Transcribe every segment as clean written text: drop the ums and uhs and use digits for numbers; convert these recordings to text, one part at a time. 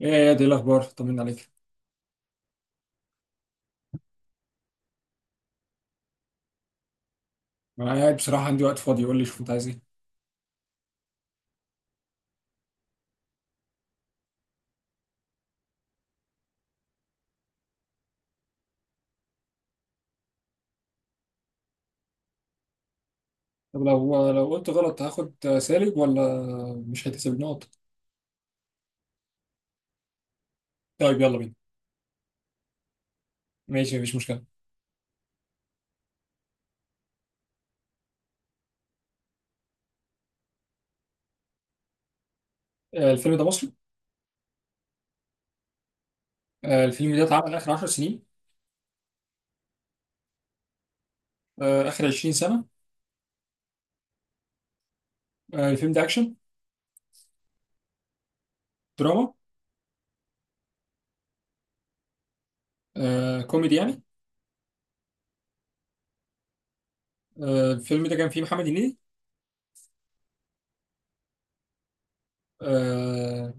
ايه يا دي الاخبار؟ طمنا عليك. انا قاعد بصراحه عندي وقت فاضي. قول لي، شوف انت عايز ايه. طب لو قلت غلط هاخد سالب ولا مش هيتحسب نقط؟ طيب يلا بينا. ماشي مفيش مشكله. الفيلم ده مصري. الفيلم ده اتعمل اخر 10 سنين. اخر 20 سنه. الفيلم ده اكشن؟ دراما؟ كوميدي يعني. الفيلم ده كان فيه محمد هنيدي. آه،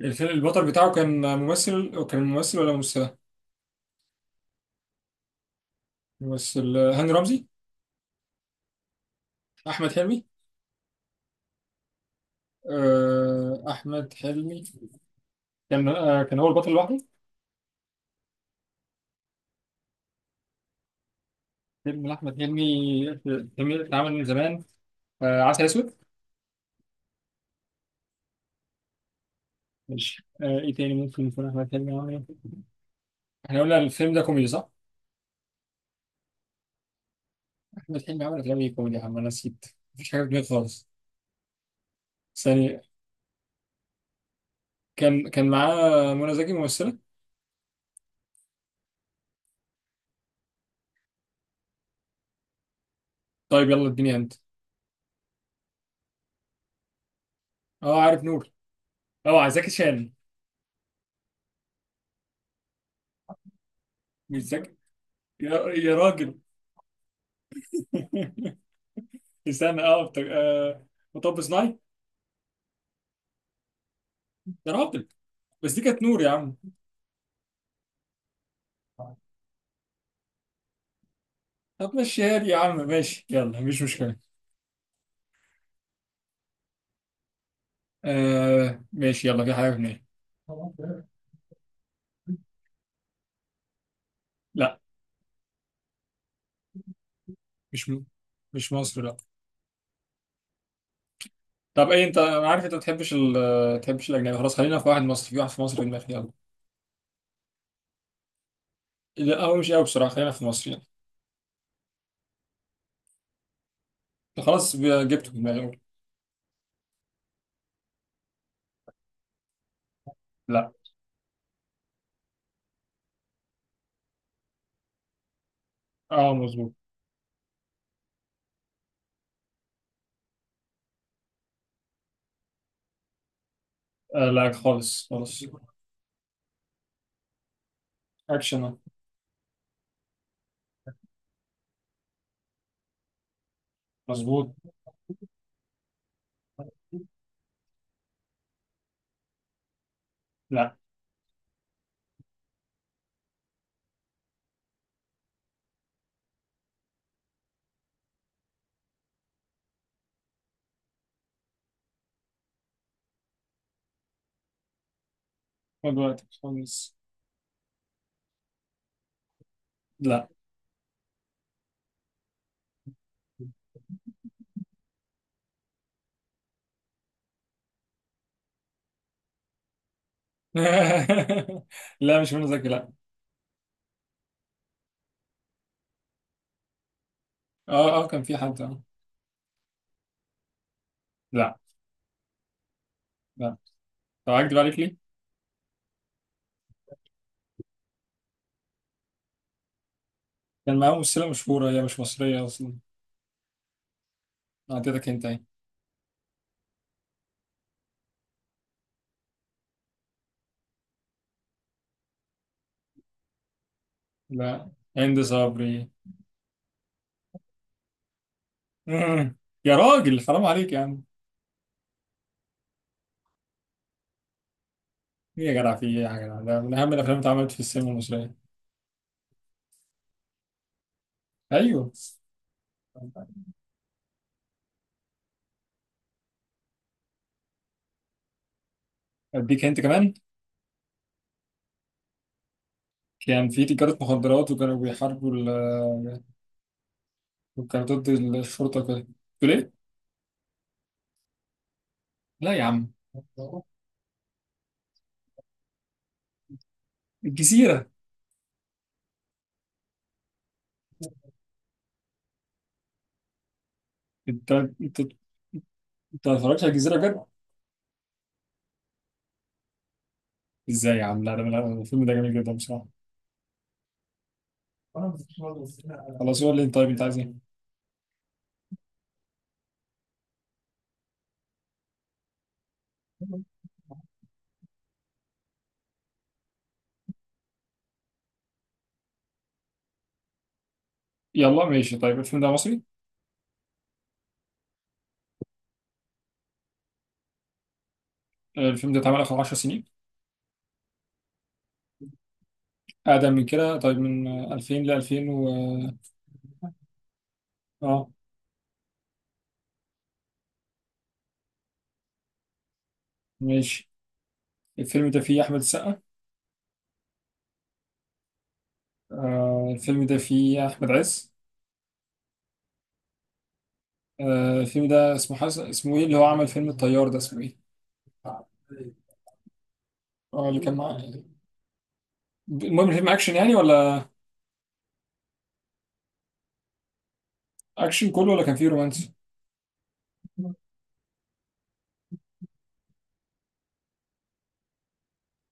الفيلم البطل بتاعه كان ممثل، ولا ممثله؟ ممثل. هاني رمزي. احمد حلمي. احمد حلمي كان هو البطل لوحده. فيلم لأحمد حلمي، فيلم اتعمل من زمان. عسل أسود. ماشي. إيه تاني ممكن يكون أحمد حلمي عمل إيه؟ إحنا قلنا الفيلم ده كوميدي صح؟ أحمد حلمي عمل أفلام إيه كوميدي يا عم؟ أنا نسيت، مفيش حاجة في دماغي خالص. ثانية. كان معاه منى زكي ممثلة؟ طيب يلا اديني هند. أه عارف نور. أه زكي شان. مش زكي. يا, يا راجل. استنى. أه بت- آه، مطب صناعي. يا راجل، بس دي كانت نور يا عم. طب مشيها لي يا عم، ماشي، يلا مفيش مشكلة. ماشي يلا، في حاجة في دماغي. لا. مش م... مش مصر، لا. طب ايه انت؟ انا عارف انت ما بتحبش الاجنبي. خلاص، خلينا في واحد مصري، في واحد في مصر في دماغي، يلا. لا هو مش قوي بصراحة، خلينا في مصر يعني. خلاص جبته في دماغي أول. لا. اه مظبوط. لا خالص خالص. اكشن آه. مظبوط. لا. خد وقتك خالص. لا. لا مش منى زكي لا. اه كان في حد آه. لا لا. طب اكدب عليك ليه؟ كان معاه ممثلة مشهورة، هي مش مصرية اصلا. اعطيتك انت ايه؟ لا. هند صبري. مم. يا راجل حرام عليك يا عم. ايه يا جدع؟ في ايه يا جدع؟ ده من اهم الافلام اللي اتعملت في السينما المصريه. ايوه. اديك هنت كمان. كان في تجاره مخدرات، وكانوا بيحاربوا وكانوا ضد الشرطه كده. تقول ايه؟ لا يا عم. الجزيره. انت انت انت ما اتفرجتش على الجزيره بجد؟ ازاي يا عم؟ لا، ده الفيلم ده جميل جدا بصراحه. خلاص هو اللي. طيب انت عايز ايه؟ يلا ماشي. طيب الفيلم ده مصري. الفيلم ده اتعمل اخر 10 سنين. أقدم من كده؟ طيب من 2000 ل 2000 و... آه، ماشي. الفيلم ده فيه أحمد السقا. آه الفيلم ده فيه أحمد عز. آه الفيلم ده اسمه اسمه إيه؟ اللي هو عمل فيلم الطيار ده اسمه إيه؟ آه اللي كان معاه. المهم الفيلم أكشن يعني ولا؟ أكشن كله ولا كان فيه رومانسي؟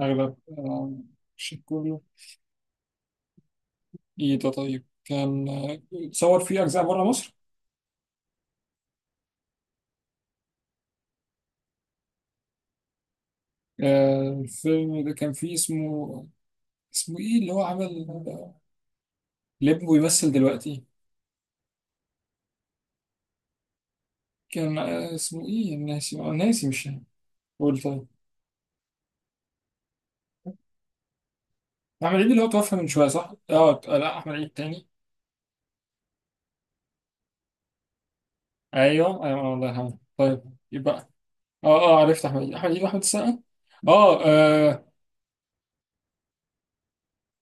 أغلب أكشن كله. إيه ده طيب؟ كان اتصور فيه أجزاء بره مصر. آه الفيلم ده كان فيه اسمه، اسمه إيه اللي هو عمل، اللي ابنه بيمثل دلوقتي؟ اسمه ايه؟ ناسي ناسي، مش. قول طيب. احمد عيد اللي هو توفى من شويه صح؟ اه لا، احمد عيد تاني. ايوه ايوه الله يرحمه. طيب، يبقى. اه اه عرفت، احمد عيد واحمد السقا. اه آه.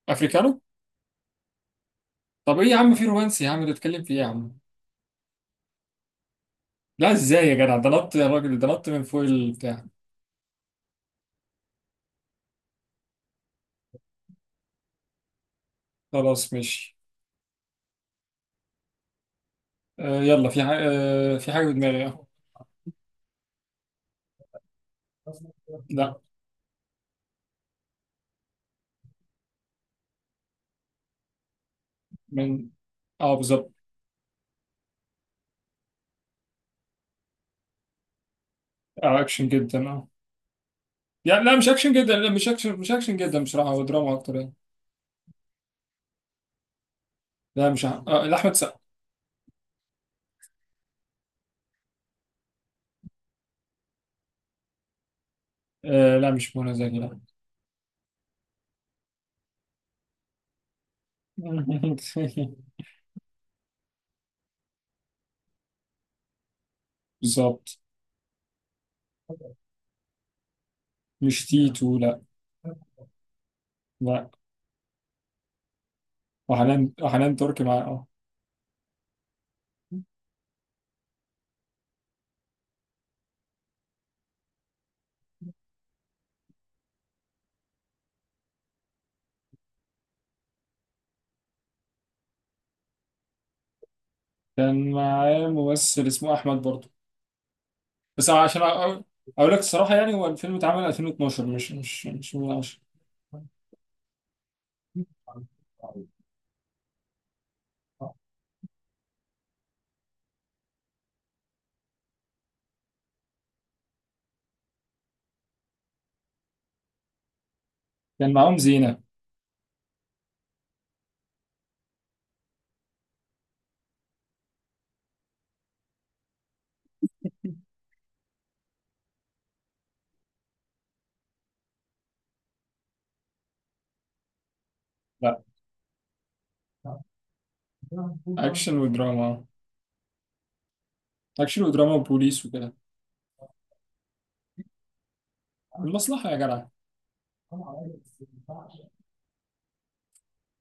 افريكانو. طب ايه يا عم؟ في رومانسي يا عم، بتتكلم في ايه يا عم؟ لا ازاي يا جدع؟ ده نط يا راجل، ده نط من فوق البتاع. خلاص ماشي. يلا في حاجه. في حاجه في دماغي آه. لا. من. اه بالظبط. اكشن جدا اه. يعني لا مش اكشن جدا، لا مش اكشن، مش اكشن جدا بصراحه، هو دراما اكتر يعني. لا مش ع- آه لأحمد سقا. آه لا مش منى زكي لا. بالظبط. مش تيتو لا. لا. وحنان تركي مع اه. كان معاه ممثل اسمه أحمد برضه، بس عشان أقول لك الصراحة يعني، هو الفيلم اتعمل 2012، مش من 10. كان معاهم زينة. لا. أكشن ودراما. أكشن ودراما وبوليس وكده. المصلحة يا جدع.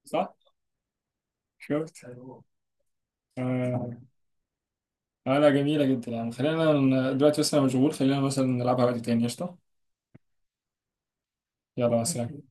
صح؟ شفت؟ آه. لا جميلة جدا يعني. خلينا دلوقتي بس أنا مشغول، خلينا مثلا نلعبها وقت تاني. قشطة. يلا مع السلامة.